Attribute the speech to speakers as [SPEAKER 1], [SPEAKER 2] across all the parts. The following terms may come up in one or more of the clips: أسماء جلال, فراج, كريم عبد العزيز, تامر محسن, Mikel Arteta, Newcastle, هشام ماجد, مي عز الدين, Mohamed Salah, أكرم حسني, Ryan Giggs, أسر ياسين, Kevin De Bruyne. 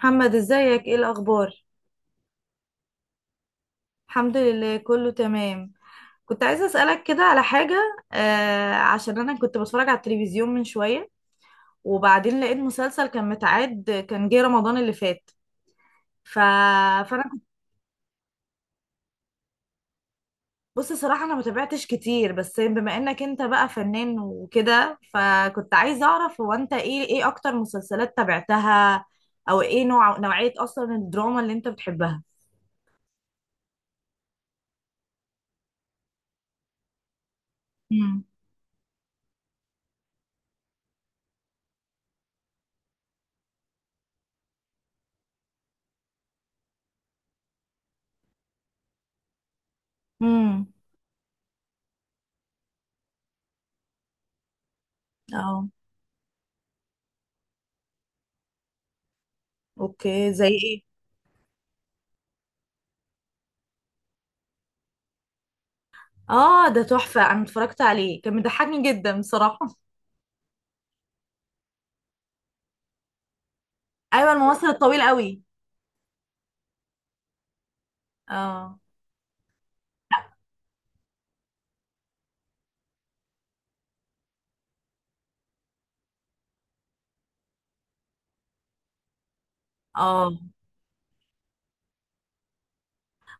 [SPEAKER 1] محمد، ازيك؟ ايه الاخبار؟ الحمد لله، كله تمام. كنت عايزه اسالك كده على حاجه عشان انا كنت بتفرج على التلفزيون من شويه، وبعدين لقيت مسلسل كان متعاد كان جه رمضان اللي فات. ف... فانا كنت بص، صراحه انا ما تابعتش كتير، بس بما انك انت بقى فنان وكده، فكنت عايزه اعرف هو انت ايه اكتر مسلسلات تابعتها، او ايه نوعيه اصلا الدراما اللي انت بتحبها. امم امم. اه. اوكي، زي ايه؟ اه، ده تحفة، انا اتفرجت عليه كان مضحكني جدا بصراحة. ايوه، الممثل الطويل قوي. اه. اه.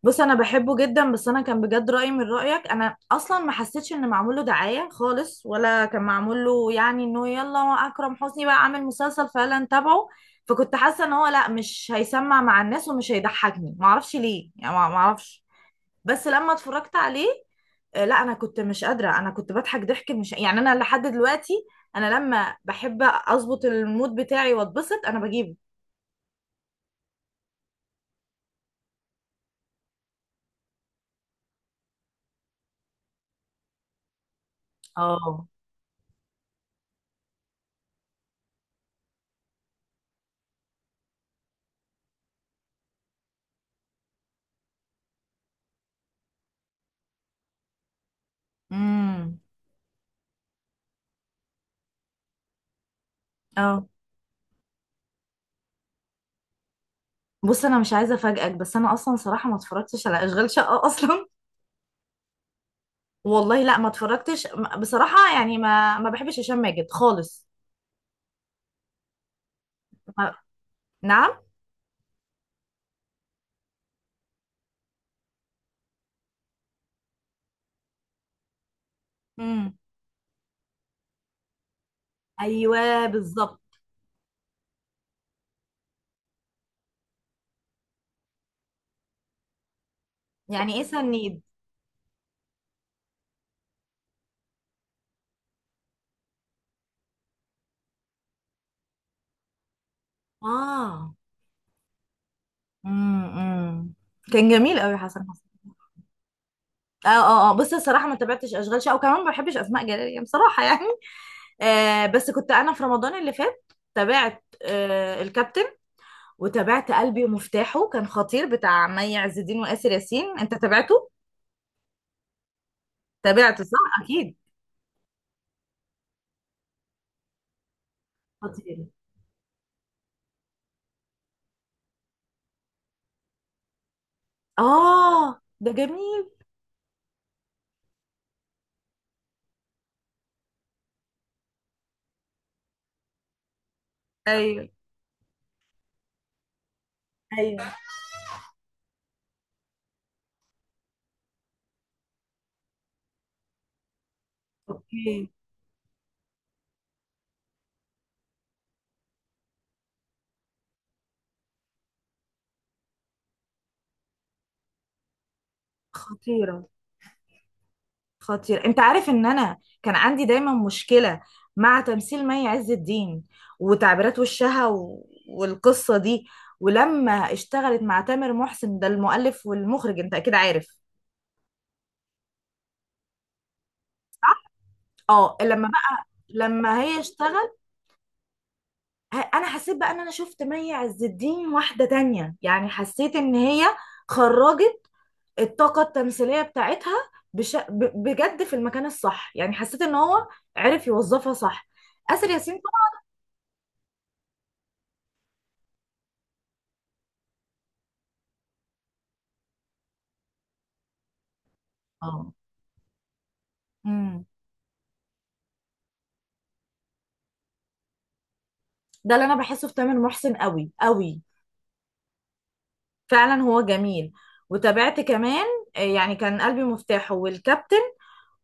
[SPEAKER 1] بص، انا بحبه جدا، بس انا كان بجد رأيي من رأيك، انا اصلا ما حسيتش ان معمول له دعاية خالص، ولا كان معمول له يعني انه يلا اكرم حسني بقى عامل مسلسل فيلا نتابعه. فكنت حاسة ان هو لا، مش هيسمع مع الناس ومش هيضحكني، ما اعرفش ليه يعني، ما اعرفش. بس لما اتفرجت عليه، لا انا كنت مش قادره، انا كنت بضحك ضحك، مش يعني، انا لحد دلوقتي، انا لما بحب اظبط المود بتاعي واتبسط انا بجيبه. اه. امم. اه. بص، انا مش عايزه افاجئك، بس انا اصلا صراحه ما اتفرجتش على اشغال شقه اصلا. والله لا، ما اتفرجتش. بصراحه يعني ما بحبش هشام ماجد خالص. ما- نعم. امم. ايوه بالظبط. يعني ايه سنيد؟ اه. امم. أمم. كان جميل قوي حسن حسن. اه. اه. اه. بصي الصراحه ما تابعتش اشغال شقه، وكمان ما بحبش اسماء جلال يعني بصراحه يعني. بس كنت انا في رمضان اللي فات تابعت الكابتن، وتابعت قلبي ومفتاحه، كان خطير، بتاع مي عز الدين واسر ياسين. انت تابعته؟ تابعته صح اكيد. خطير. اه، ده جميل. ايوه ايوه. اوكي. خطيره. خطير، انت عارف ان انا كان عندي دايما مشكلة مع تمثيل مي عز الدين وتعبيرات وشها والقصة دي. ولما اشتغلت مع تامر محسن، ده المؤلف والمخرج، انت اكيد عارف. اه. لما هي اشتغل انا حسيت بقى ان انا شفت مي عز الدين واحدة تانية، يعني حسيت ان هي خرجت الطاقة التمثيلية بتاعتها بش... ب... بجد في المكان الصح، يعني حسيت ان هو عرف يوظفها صح، آسر ياسين. طبعا. اه. ده اللي انا بحسه في تامر محسن قوي قوي، فعلا هو جميل. وتابعت كمان يعني كان قلبي مفتاحه والكابتن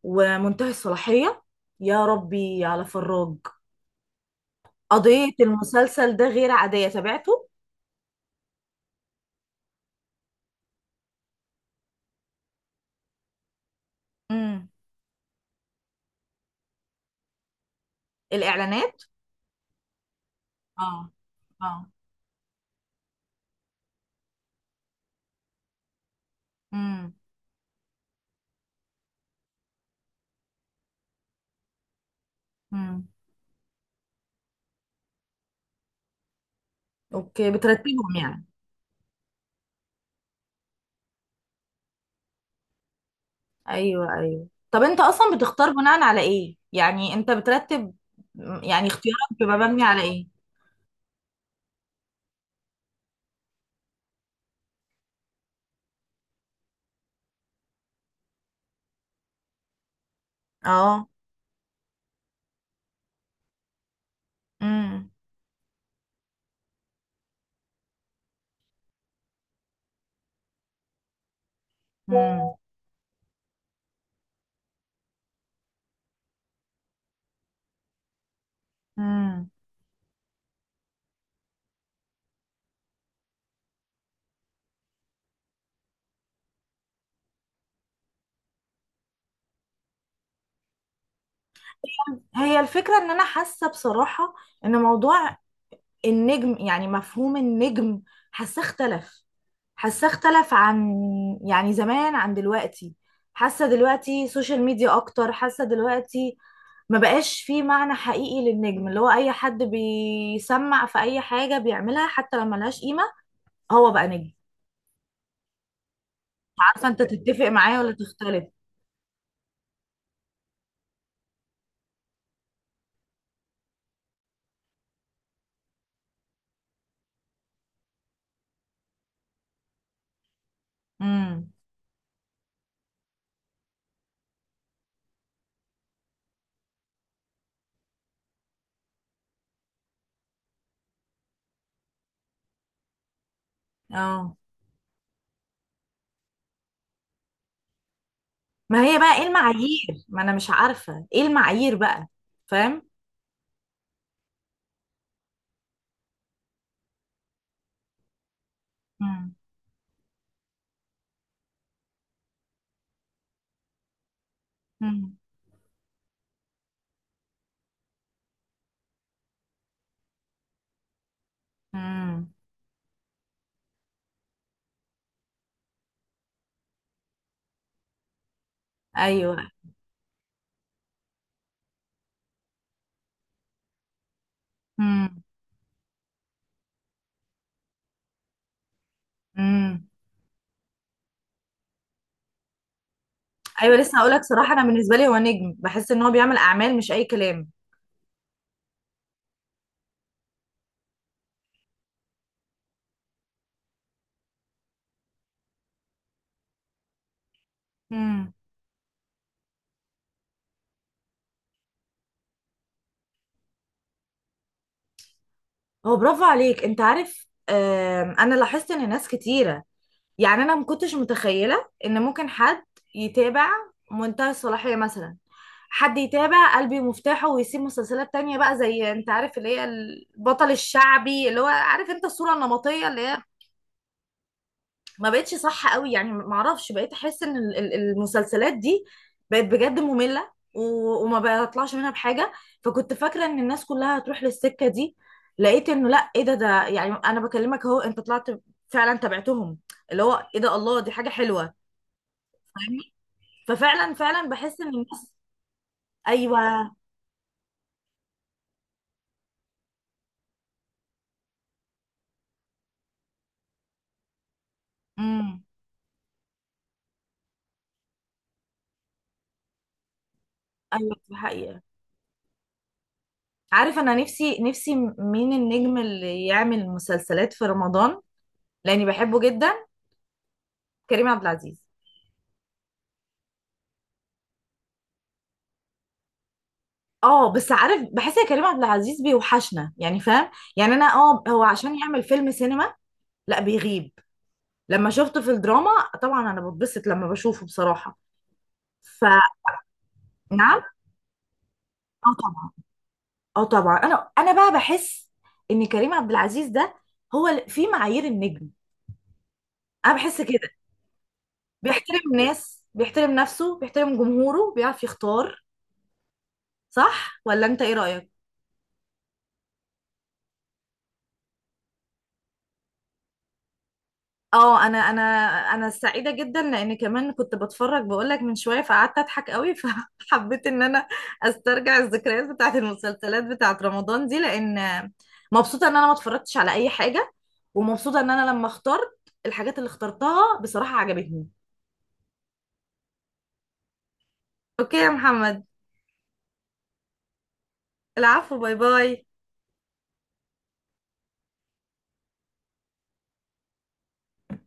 [SPEAKER 1] ومنتهي الصلاحية. يا ربي على فراج، قضية المسلسل ده غير عادية، تابعته. امم. الإعلانات. اه. اه. امم. امم. اوكي، بترتبهم يعني. ايوه ايوه. طب انت اصلا بتختار بناء على ايه؟ يعني انت بترتب، يعني اختيارك بيبقى مبني على ايه؟ اه. امم. امم. هي الفكرة ان انا حاسة بصراحة ان موضوع النجم، يعني مفهوم النجم، حاسة اختلف حاسة اختلف عن يعني زمان عن دلوقتي، حاسة دلوقتي سوشيال ميديا اكتر، حاسة دلوقتي ما بقاش فيه معنى حقيقي للنجم، اللي هو اي حد بيسمع في اي حاجة بيعملها حتى لو ملهاش قيمة هو بقى نجم. عارفة انت تتفق معايا ولا تختلف؟ امم. اه. ما هي بقى ايه المعايير؟ ما انا مش عارفة ايه المعايير بقى. فاهم. مم. مم. ايوه. مم. مم. ايوه، لسه هقول لك صراحه، انا بالنسبه لي هو نجم، بحس ان هو بيعمل اعمال مش اي كلام. مم. هو برافو عليك. انت عارف، انا لاحظت ان ناس كتيره، يعني انا ما كنتش متخيله ان ممكن حد يتابع منتهى الصلاحيه مثلا، حد يتابع قلبي مفتاحه ويسيب مسلسلات تانية بقى، زي انت عارف اللي هي البطل الشعبي، اللي هو عارف انت الصوره النمطيه اللي هي ما بقتش صح قوي يعني. ما اعرفش، بقيت احس ان ال المسلسلات دي بقت بجد مملة وما بطلعش منها بحاجة، فكنت فاكرة ان الناس كلها هتروح للسكة دي، لقيت انه لا، ايه ده يعني، انا بكلمك اهو، انت طلعت فعلا تابعتهم، اللي هو ايه ده، الله، دي حاجة حلوة، فاهمني؟ ففعلا بحس ان الناس. ايوه. امم. ايوه، دي حقيقة. عارف، انا نفسي نفسي مين النجم اللي يعمل مسلسلات في رمضان، لاني بحبه جدا؟ كريم عبد العزيز. اه، بس عارف، بحس يا كريم عبد العزيز بيوحشنا، يعني فاهم؟ يعني انا هو عشان يعمل فيلم سينما لا بيغيب. لما شفته في الدراما، طبعا انا بتبسط لما بشوفه بصراحة، فنعم. اه، طبعا. اه، طبعا، انا بقى بحس ان كريم عبد العزيز ده هو في معايير النجم، انا بحس كده. بيحترم ناس، بيحترم نفسه، بيحترم جمهوره، بيعرف يختار. صح ولا انت ايه رأيك؟ اه. انا انا سعيده جدا، لان كمان كنت بتفرج بقولك من شويه، فقعدت اضحك قوي فحبيت ان انا استرجع الذكريات بتاعت المسلسلات بتاعت رمضان دي، لان مبسوطه ان انا ما اتفرجتش على اي حاجه، ومبسوطه ان انا لما اخترت الحاجات اللي اخترتها بصراحه عجبتني. اوكي يا محمد. العفو، باي باي.